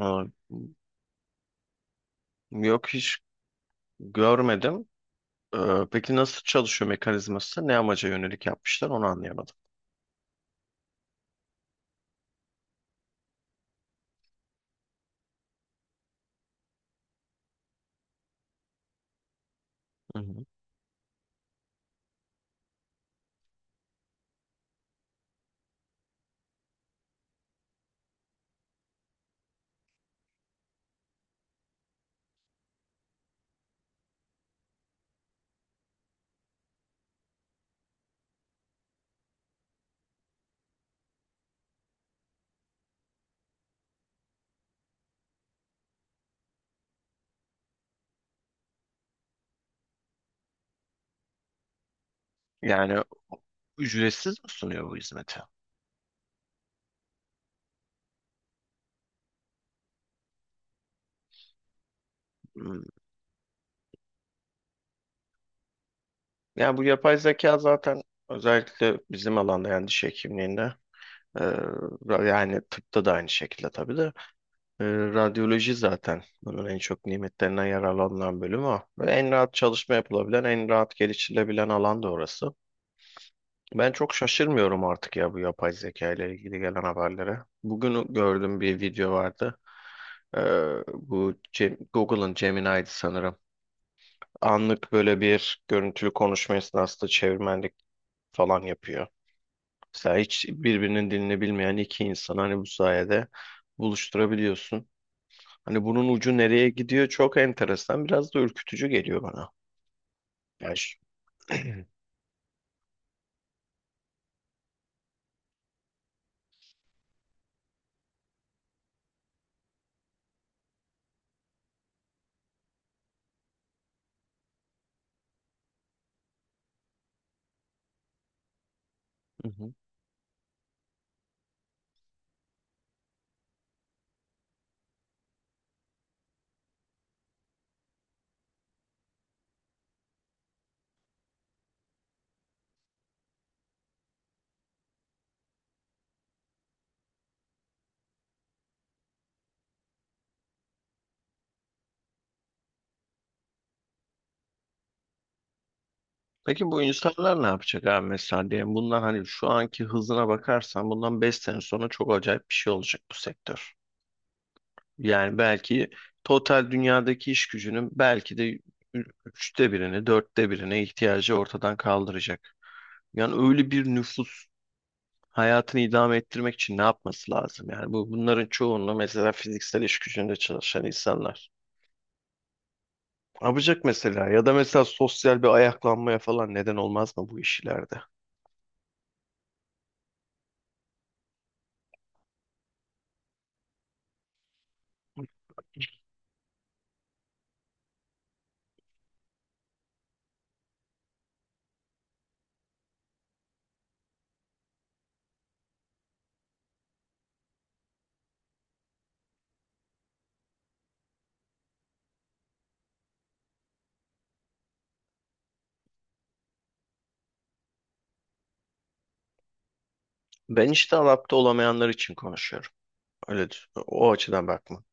Aa, yok hiç görmedim. Ee, peki nasıl çalışıyor mekanizması? Ne amaca yönelik yapmışlar onu anlayamadım. Hı hı. Yani ücretsiz mi sunuyor bu hizmeti? Hmm. Yani bu yapay zeka zaten özellikle bizim alanda, yani diş hekimliğinde, e, yani tıpta da aynı şekilde tabii de, e, radyoloji zaten bunun en çok nimetlerinden yararlanılan bölümü o. Ve en rahat çalışma yapılabilen, en rahat geliştirilebilen alan da orası. Ben çok şaşırmıyorum artık ya bu yapay zeka ile ilgili gelen haberlere. Bugün gördüm, bir video vardı. Ee, Bu Google'ın Gemini'ydi sanırım. Anlık böyle bir görüntülü konuşma esnasında çevirmenlik falan yapıyor. Mesela hiç birbirinin dilini bilmeyen iki insan hani bu sayede buluşturabiliyorsun. Hani bunun ucu nereye gidiyor, çok enteresan. Biraz da ürkütücü geliyor bana. Ya Hı hı. Peki bu insanlar ne yapacak abi? Mesela diyelim, bundan, hani şu anki hızına bakarsan, bundan 5 sene sonra çok acayip bir şey olacak bu sektör. Yani belki total dünyadaki iş gücünün belki de üçte birini, dörtte birine ihtiyacı ortadan kaldıracak. Yani öyle bir nüfus hayatını idame ettirmek için ne yapması lazım? Yani bu bunların çoğunluğu mesela fiziksel iş gücünde çalışan insanlar. Yapacak mesela, ya da mesela sosyal bir ayaklanmaya falan neden olmaz mı bu işlerde? Ben işte adapte olamayanlar için konuşuyorum. Öyle düş- o açıdan bakma.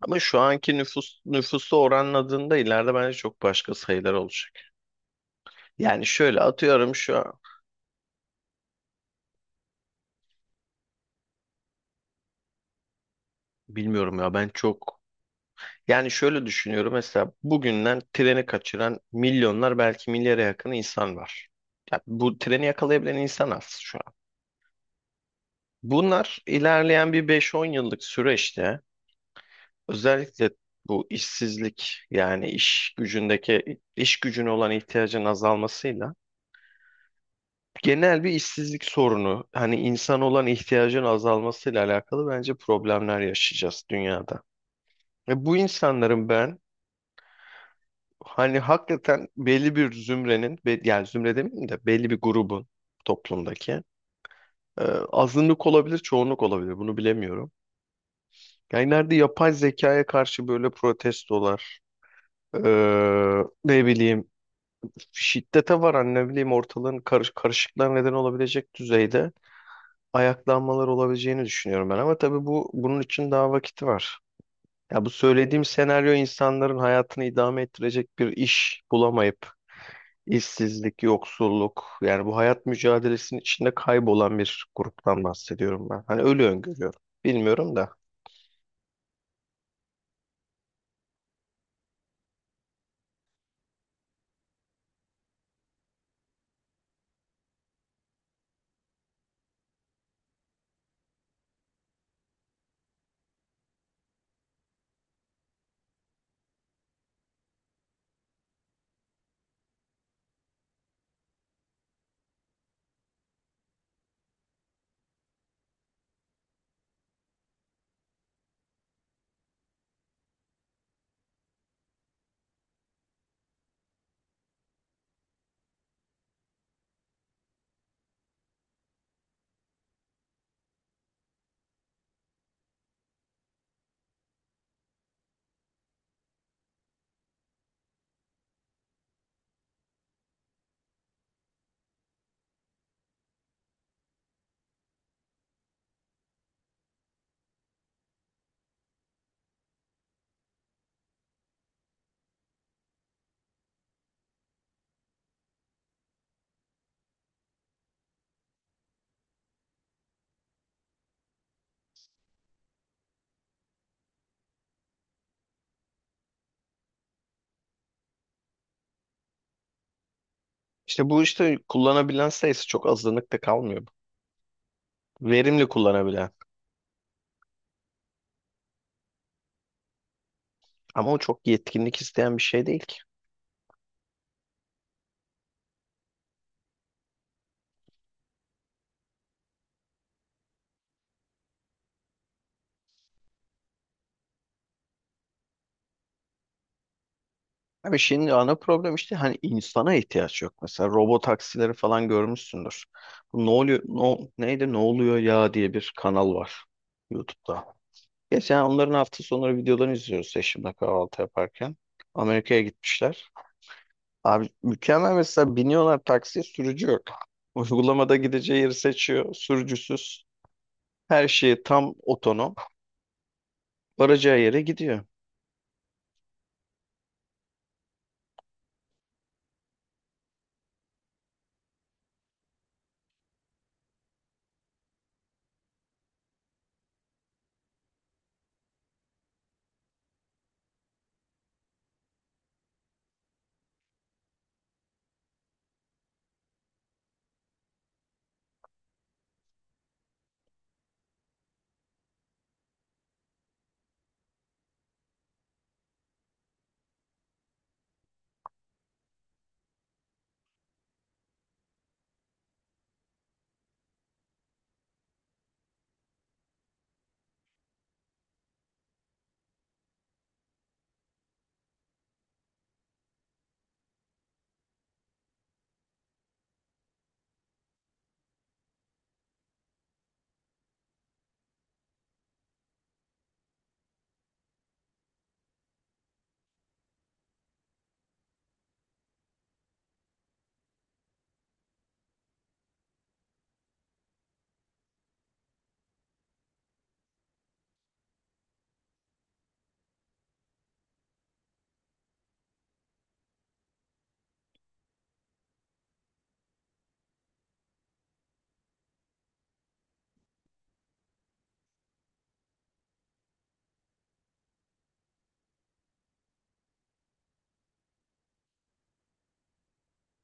Ama şu anki nüfus nüfusu oranladığında ileride bence çok başka sayılar olacak. Yani şöyle atıyorum, şu an bilmiyorum ya, ben çok yani şöyle düşünüyorum: mesela bugünden treni kaçıran milyonlar, belki milyara yakın insan var. Ya bu treni yakalayabilen insan az şu an. Bunlar ilerleyen bir 5-10 yıllık süreçte, özellikle bu işsizlik, yani iş gücündeki iş gücüne olan ihtiyacın azalmasıyla, genel bir işsizlik sorunu, hani insan olan ihtiyacın azalmasıyla alakalı bence problemler yaşayacağız dünyada. Ve bu insanların ben, hani hakikaten belli bir zümrenin yani zümre demeyeyim de belli bir grubun toplumdaki, e, azınlık olabilir, çoğunluk olabilir bunu bilemiyorum. Yani nerede yapay zekaya karşı böyle protestolar, e, ne bileyim şiddete varan, ne bileyim ortalığın karışıklığa neden olabilecek düzeyde ayaklanmalar olabileceğini düşünüyorum ben. Ama tabii bu bunun için daha vakit var. Ya bu söylediğim senaryo, insanların hayatını idame ettirecek bir iş bulamayıp işsizlik, yoksulluk, yani bu hayat mücadelesinin içinde kaybolan bir gruptan bahsediyorum ben. Hani öyle öngörüyorum. Bilmiyorum da. İşte bu işte kullanabilen sayısı çok azınlıkta kalmıyor. Verimli kullanabilen. Ama o çok yetkinlik isteyen bir şey değil ki. Abi şimdi ana problem, işte hani insana ihtiyaç yok. Mesela robot taksileri falan görmüşsündür. Bu ne oluyor, no, neydi, ne oluyor ya diye bir kanal var YouTube'da. Geçen onların hafta sonları videolarını izliyoruz eşimle kahvaltı yaparken. Amerika'ya gitmişler. Abi mükemmel, mesela biniyorlar taksiye, sürücü yok. Uygulamada gideceği yeri seçiyor. Sürücüsüz. Her şeyi tam otonom. Varacağı yere gidiyor.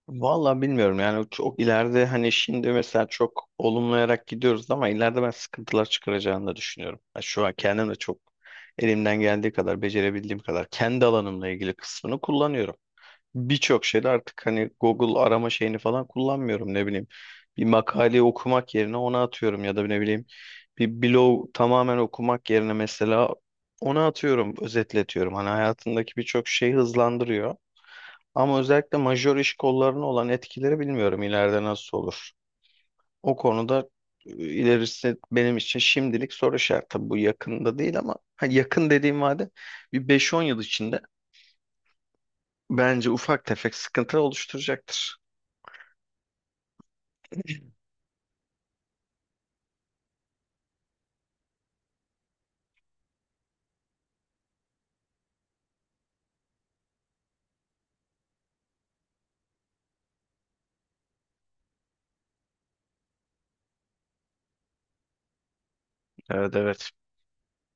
Vallahi bilmiyorum yani, çok ileride, hani şimdi mesela çok olumlayarak gidiyoruz ama ileride ben sıkıntılar çıkaracağını da düşünüyorum. Ya şu an kendim de çok, elimden geldiği kadar, becerebildiğim kadar kendi alanımla ilgili kısmını kullanıyorum. Birçok şeyde artık hani Google arama şeyini falan kullanmıyorum, ne bileyim. Bir makaleyi okumak yerine ona atıyorum, ya da ne bileyim, bir blog tamamen okumak yerine mesela ona atıyorum, özetletiyorum. Hani hayatındaki birçok şeyi hızlandırıyor. Ama özellikle majör iş kollarına olan etkileri bilmiyorum ileride nasıl olur. O konuda, ilerisi benim için şimdilik soru işareti. Tabii bu yakında değil ama ha, yakın dediğim vade bir 5-10 yıl içinde bence ufak tefek sıkıntı oluşturacaktır. Evet, evet.